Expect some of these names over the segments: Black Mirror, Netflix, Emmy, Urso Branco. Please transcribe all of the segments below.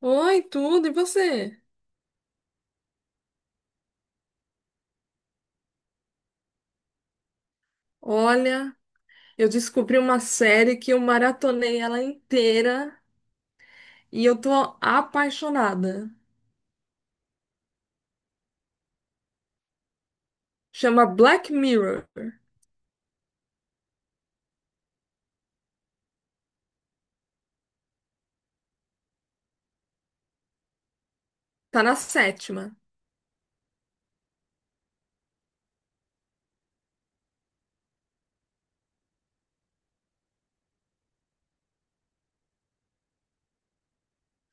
Oi, tudo, e você? Olha, eu descobri uma série que eu maratonei ela inteira e eu tô apaixonada. Chama Black Mirror. Tá na sétima.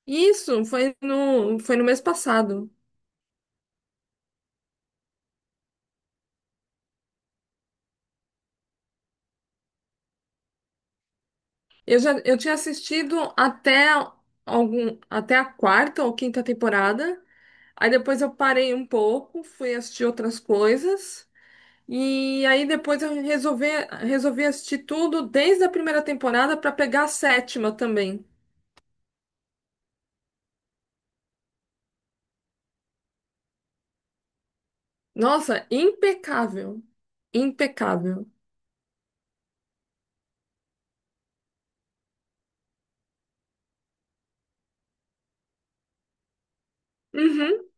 Isso foi no mês passado. Eu tinha assistido até algum até a quarta ou quinta temporada. Aí depois eu parei um pouco, fui assistir outras coisas. E aí depois resolvi assistir tudo desde a primeira temporada para pegar a sétima também. Nossa, impecável. Impecável. Uhum.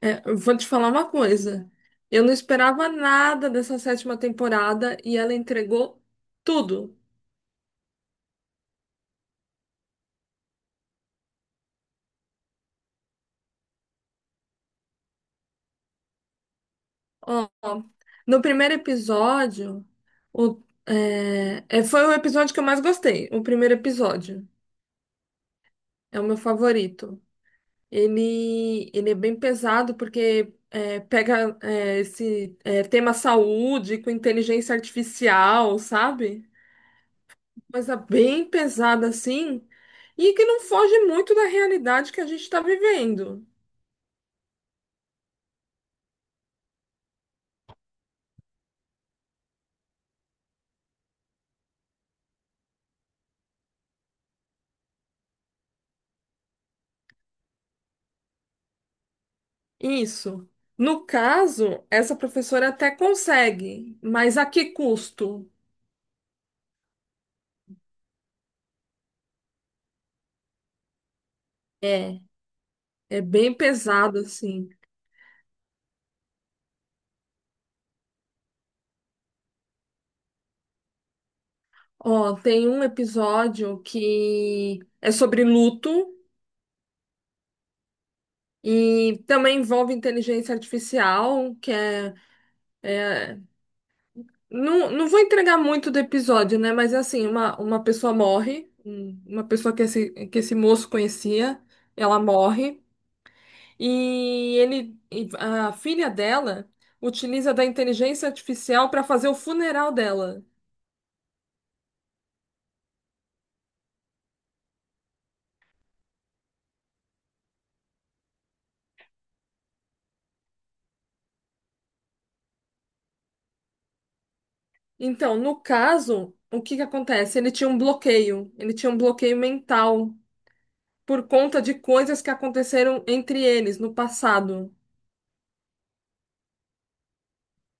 É, eu vou te falar uma coisa. Eu não esperava nada dessa sétima temporada e ela entregou tudo. Ó, no primeiro episódio, foi o episódio que eu mais gostei. O primeiro episódio é o meu favorito. Ele é bem pesado porque pega tema saúde com inteligência artificial, sabe? Coisa bem pesada assim, e que não foge muito da realidade que a gente está vivendo. Isso. No caso, essa professora até consegue, mas a que custo? É, é bem pesado assim. Ó, tem um episódio que é sobre luto. E também envolve inteligência artificial, é- não, não vou entregar muito do episódio, né? Mas é assim, uma pessoa morre, uma pessoa que esse moço conhecia, ela morre, e a filha dela utiliza da inteligência artificial para fazer o funeral dela. Então, no caso, o que que acontece? Ele tinha um bloqueio, ele tinha um bloqueio mental por conta de coisas que aconteceram entre eles no passado.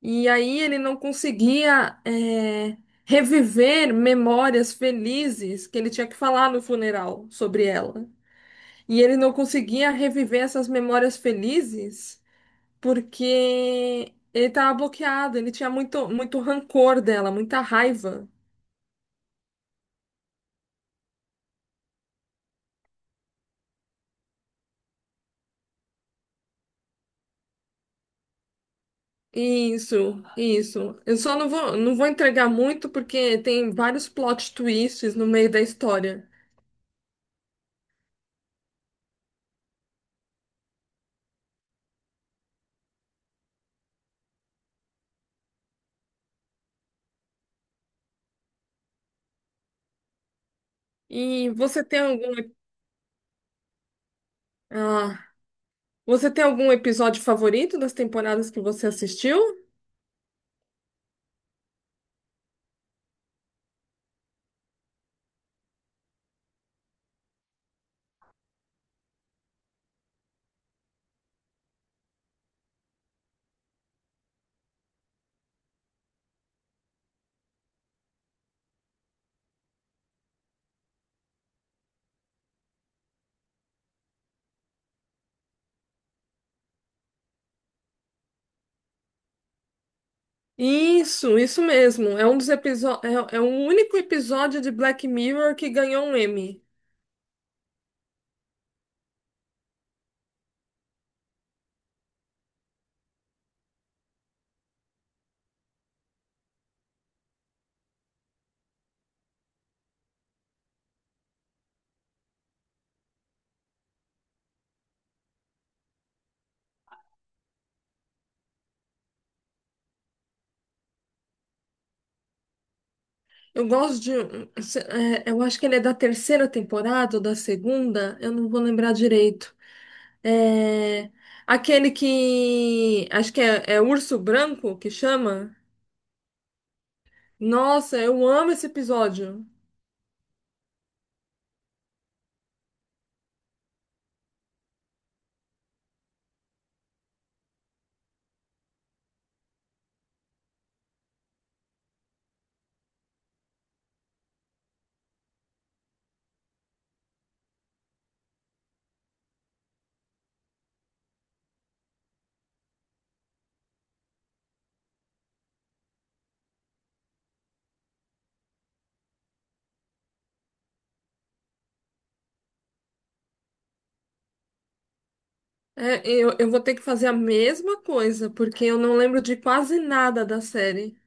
E aí ele não conseguia é, reviver memórias felizes que ele tinha que falar no funeral sobre ela. E ele não conseguia reviver essas memórias felizes porque ele estava bloqueado, ele tinha muito, muito rancor dela, muita raiva. Isso, isso. Eu só não vou entregar muito porque tem vários plot twists no meio da história. E você tem algum. Ah, você tem algum episódio favorito das temporadas que você assistiu? Isso mesmo. É um dos episódios, é o único episódio de Black Mirror que ganhou um Emmy. Eu gosto de, um- se- é, eu acho que ele é da terceira temporada ou da segunda, eu não vou lembrar direito. É aquele que acho que é Urso Branco que chama. Nossa, eu amo esse episódio. É, eu vou ter que fazer a mesma coisa, porque eu não lembro de quase nada da série.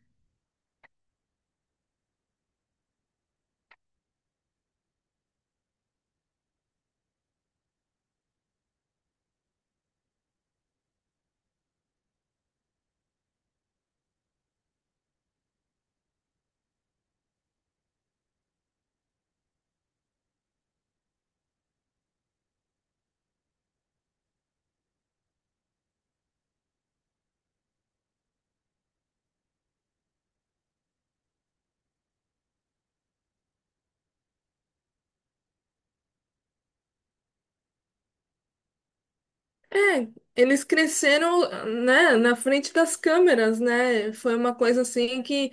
É, eles cresceram, né, na frente das câmeras, né? Foi uma coisa assim que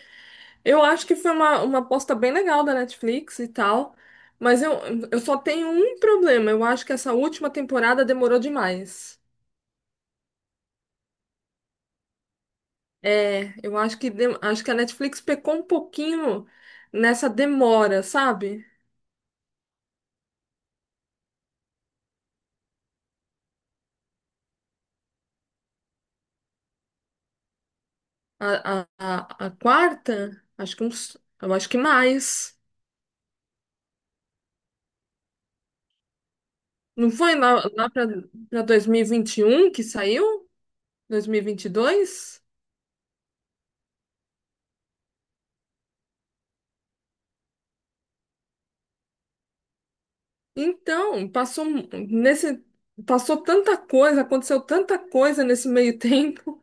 eu acho que foi uma aposta bem legal da Netflix e tal. Mas eu, eu só tenho um problema. Eu acho que essa última temporada demorou demais. É, eu acho acho que a Netflix pecou um pouquinho nessa demora, sabe? A quarta, eu acho que mais. Não foi lá para 2021 que saiu? 2022? Então, passou mu- nesse passou tanta coisa, aconteceu tanta coisa nesse meio tempo.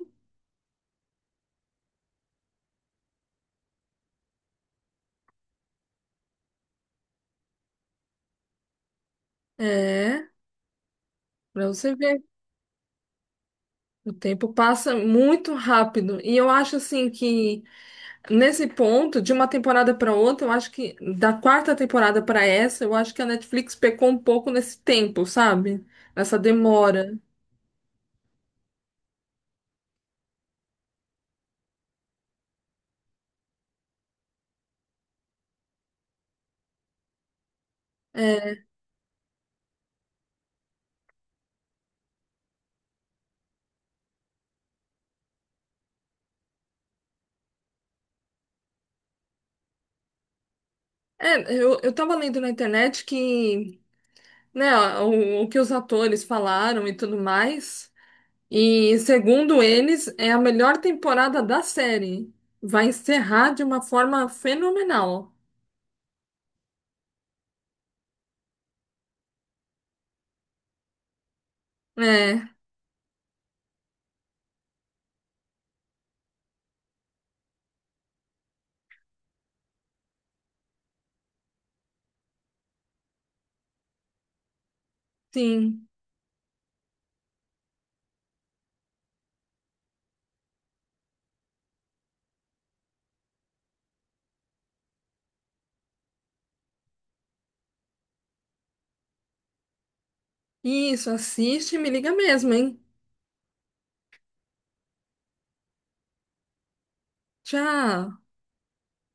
É, pra você ver, o tempo passa muito rápido. E eu acho assim que nesse ponto, de uma temporada para outra, eu acho que da quarta temporada para essa, eu acho que a Netflix pecou um pouco nesse tempo, sabe? Nessa demora. É, eu tava lendo na internet que, né, o que os atores falaram e tudo mais. E, segundo eles, é a melhor temporada da série. Vai encerrar de uma forma fenomenal. É, sim. Isso, assiste e me liga mesmo, hein? Tchau.